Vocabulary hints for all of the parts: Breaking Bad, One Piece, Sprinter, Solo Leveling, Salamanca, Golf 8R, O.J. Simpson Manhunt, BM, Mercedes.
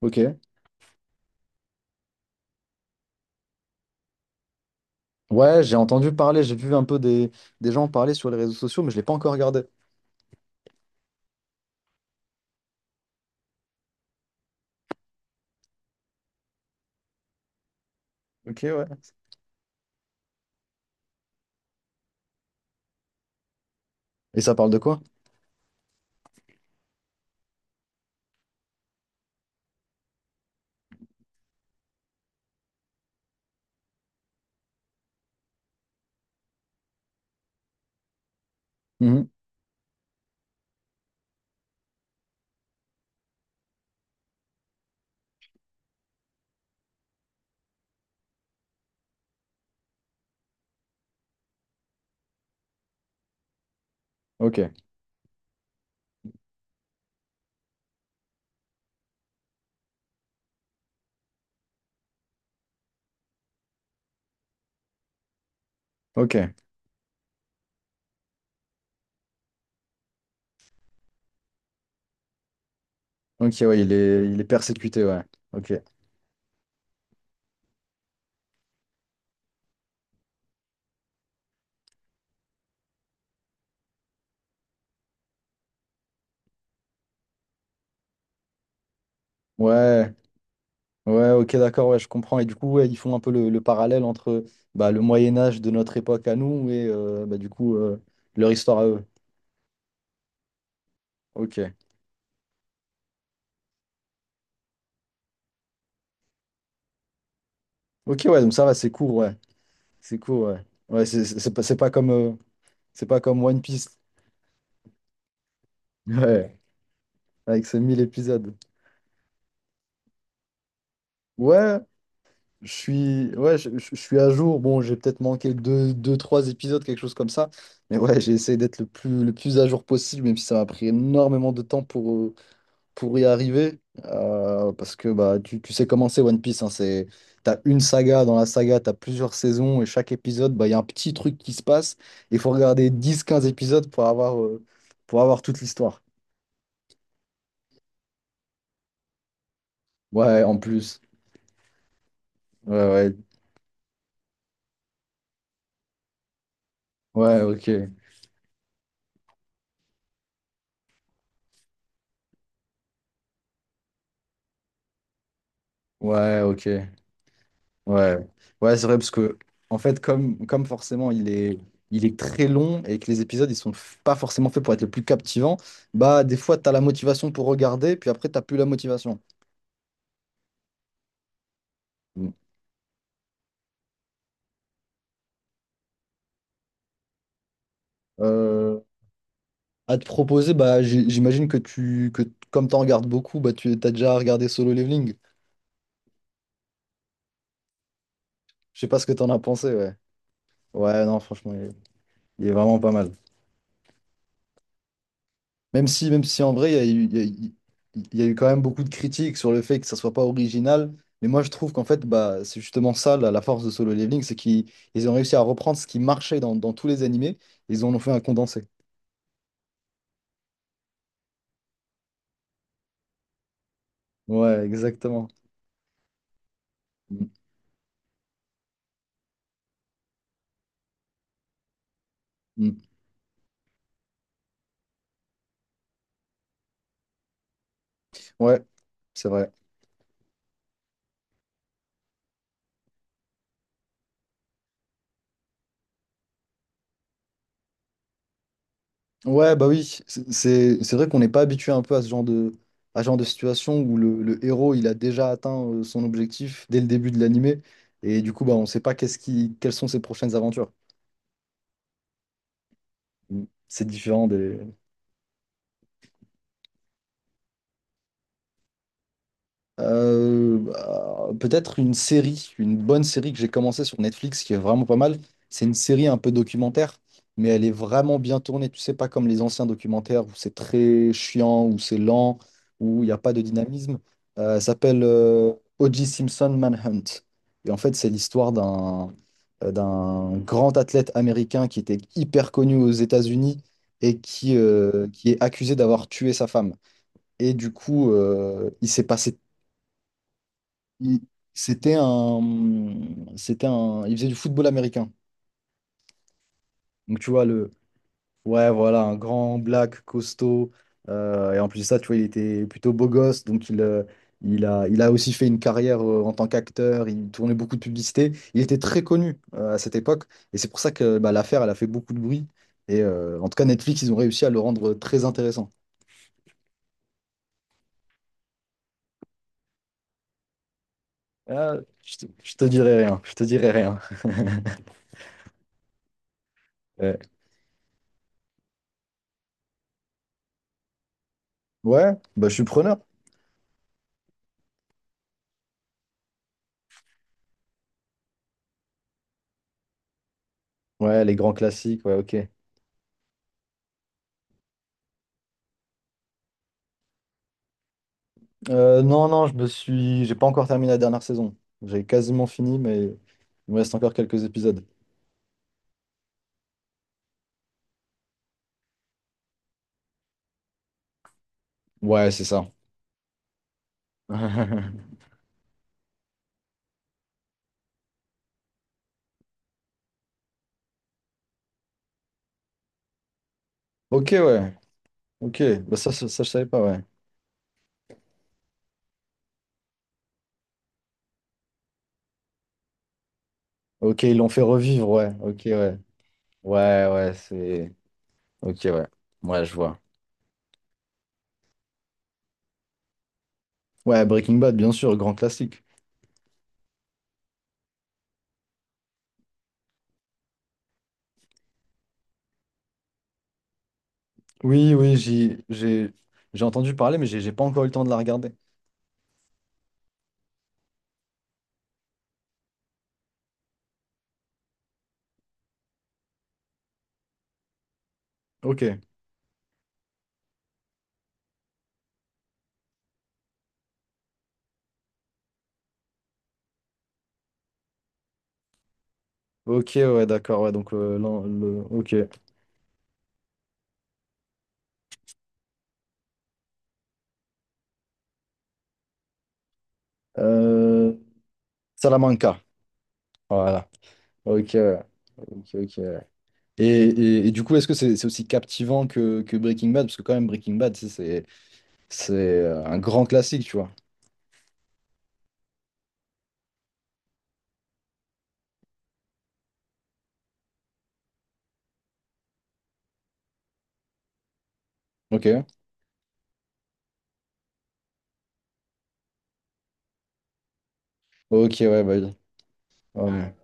Ok. Ouais, j'ai entendu parler, j'ai vu un peu des gens parler sur les réseaux sociaux, mais je l'ai pas encore regardé. Ok, ouais. Et ça parle de quoi? Mhm. Ok, ok, ok, ouais, il est persécuté, ouais. Ok. Ouais, ouais, ok, d'accord, ouais, je comprends. Et du coup, ouais, ils font un peu le parallèle entre bah, le Moyen-Âge de notre époque à nous et bah, du coup, leur histoire à eux. Ok. Ok, ouais, donc ça va, c'est court, ouais. C'est court, ouais. Ouais, c'est pas comme One Piece. Ouais, avec ses 1000 épisodes. Ouais. Je suis, ouais, je suis à jour. Bon, j'ai peut-être manqué deux, trois épisodes, quelque chose comme ça. Mais ouais, j'ai essayé d'être le plus à jour possible, même si ça m'a pris énormément de temps pour y arriver. Parce que bah, tu sais comment c'est One Piece. Hein, c'est, t'as une saga, dans la saga, t'as plusieurs saisons, et chaque épisode, bah, il y a un petit truc qui se passe. Il faut regarder dix quinze épisodes pour avoir toute l'histoire. Ouais, en plus. Ouais, ouais. Ouais, ok. Ouais, ok. Ouais, ouais, c'est vrai parce que en fait, comme forcément il est très long et que les épisodes ils sont pas forcément faits pour être les plus captivants, bah des fois t'as la motivation pour regarder, puis après t'as plus la motivation. Mm. Euh, à te proposer, bah j'imagine que comme t'en regardes beaucoup, bah tu t'as déjà regardé Solo Leveling. Je sais pas ce que t'en as pensé, ouais. Ouais, non, franchement, il est vraiment pas mal. Même si en vrai, il y a eu quand même beaucoup de critiques sur le fait que ça soit pas original. Mais moi, je trouve qu'en fait, bah, c'est justement ça, la force de Solo Leveling, c'est qu'ils ils ont réussi à reprendre ce qui marchait dans, dans tous les animés, ils en ont fait un condensé. Ouais, exactement. Mm, mm. Ouais, c'est vrai. Ouais, bah oui, c'est vrai qu'on n'est pas habitué un peu à ce genre de, à ce genre de situation où le héros, il a déjà atteint son objectif dès le début de l'animé, et du coup, bah, on ne sait pas qu'est-ce qui, quelles sont ses prochaines aventures. Mm, c'est différent des… bah, peut-être une série, une bonne série que j'ai commencé sur Netflix qui est vraiment pas mal. C'est une série un peu documentaire, mais elle est vraiment bien tournée. Tu sais, pas comme les anciens documentaires où c'est très chiant, où c'est lent, où il n'y a pas de dynamisme. Elle s'appelle O.J. Simpson Manhunt. Et en fait, c'est l'histoire d'un d'un grand athlète américain qui était hyper connu aux États-Unis et qui est accusé d'avoir tué sa femme. Et du coup, il s'est passé il- c'était un, c'était un, il faisait du football américain. Donc tu vois le, ouais voilà, un grand black costaud. Et en plus de ça, tu vois, il était plutôt beau gosse, donc il a aussi fait une carrière en tant qu'acteur. Il tournait beaucoup de publicités. Il était très connu à cette époque, et c'est pour ça que bah, l'affaire, elle a fait beaucoup de bruit. Et en tout cas, Netflix, ils ont réussi à le rendre très intéressant. Ah, je te dirai rien, je te dirai rien. Ouais. Ouais, bah, je suis preneur. Ouais, les grands classiques, ouais, ok. Non, je me suis. J'ai pas encore terminé la dernière saison. J'ai quasiment fini, mais il me reste encore quelques épisodes. Ouais, c'est ça. Ok, ouais. Ok. Bah, ça, je savais pas, ouais. Ok, ils l'ont fait revivre, ouais. Ok, ouais. Ouais, ouais, c'est. Ok, ouais. Ouais, je vois. Ouais, Breaking Bad, bien sûr, grand classique. Oui, oui, j'ai entendu parler, mais j'ai pas encore eu le temps de la regarder. Ok. Ok, ouais, d'accord, ouais. Donc, le… ok. Euh… Salamanca. Voilà. Ok, ouais. Ok, ok, ouais. Et du coup, est-ce que c'est aussi captivant que Breaking Bad? Parce que quand même, Breaking Bad, tu sais, c'est un grand classique, tu vois. Ok, ok, ouais, bah oui. Ouais.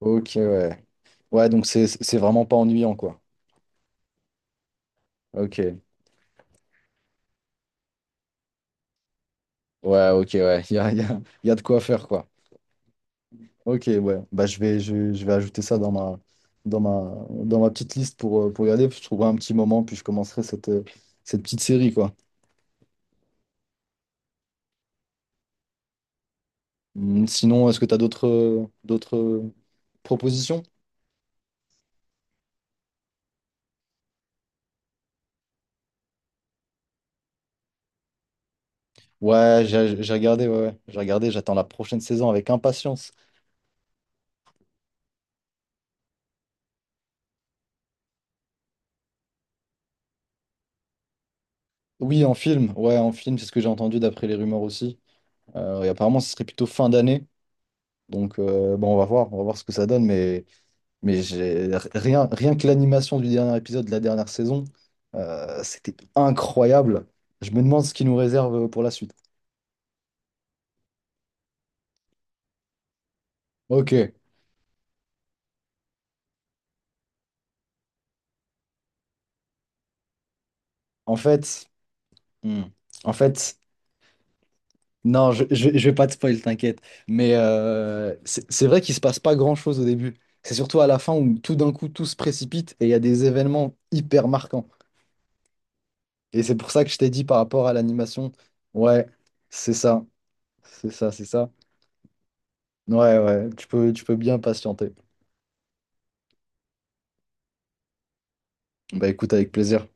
Ok, ouais. Ouais, donc c'est vraiment pas ennuyant, quoi. Ok, ouais, ok, ouais. Il y a, y a de quoi faire, quoi. Ok, ouais. Bah, je vais ajouter ça dans dans ma petite liste pour regarder. Puis je trouverai un petit moment, puis je commencerai cette, cette petite série, quoi. Mm. Sinon, est-ce que tu as d'autres d'autres propositions? Ouais, j'ai regardé, ouais, j'ai regardé, j'attends la prochaine saison avec impatience. Oui, en film, ouais, en film, c'est ce que j'ai entendu d'après les rumeurs aussi. Et apparemment, ce serait plutôt fin d'année. Donc, bon, on va voir ce que ça donne, mais j'ai rien que l'animation du dernier épisode de la dernière saison, c'était incroyable. Je me demande ce qu'ils nous réserve pour la suite. Ok, en fait, hmm, en fait. Non, je vais pas te spoil, t'inquiète. Mais c'est vrai qu'il se passe pas grand-chose au début. C'est surtout à la fin où tout d'un coup tout se précipite et il y a des événements hyper marquants. Et c'est pour ça que je t'ai dit par rapport à l'animation, ouais, c'est ça, c'est ça. Ouais, ouais, tu peux bien patienter. Bah écoute, avec plaisir.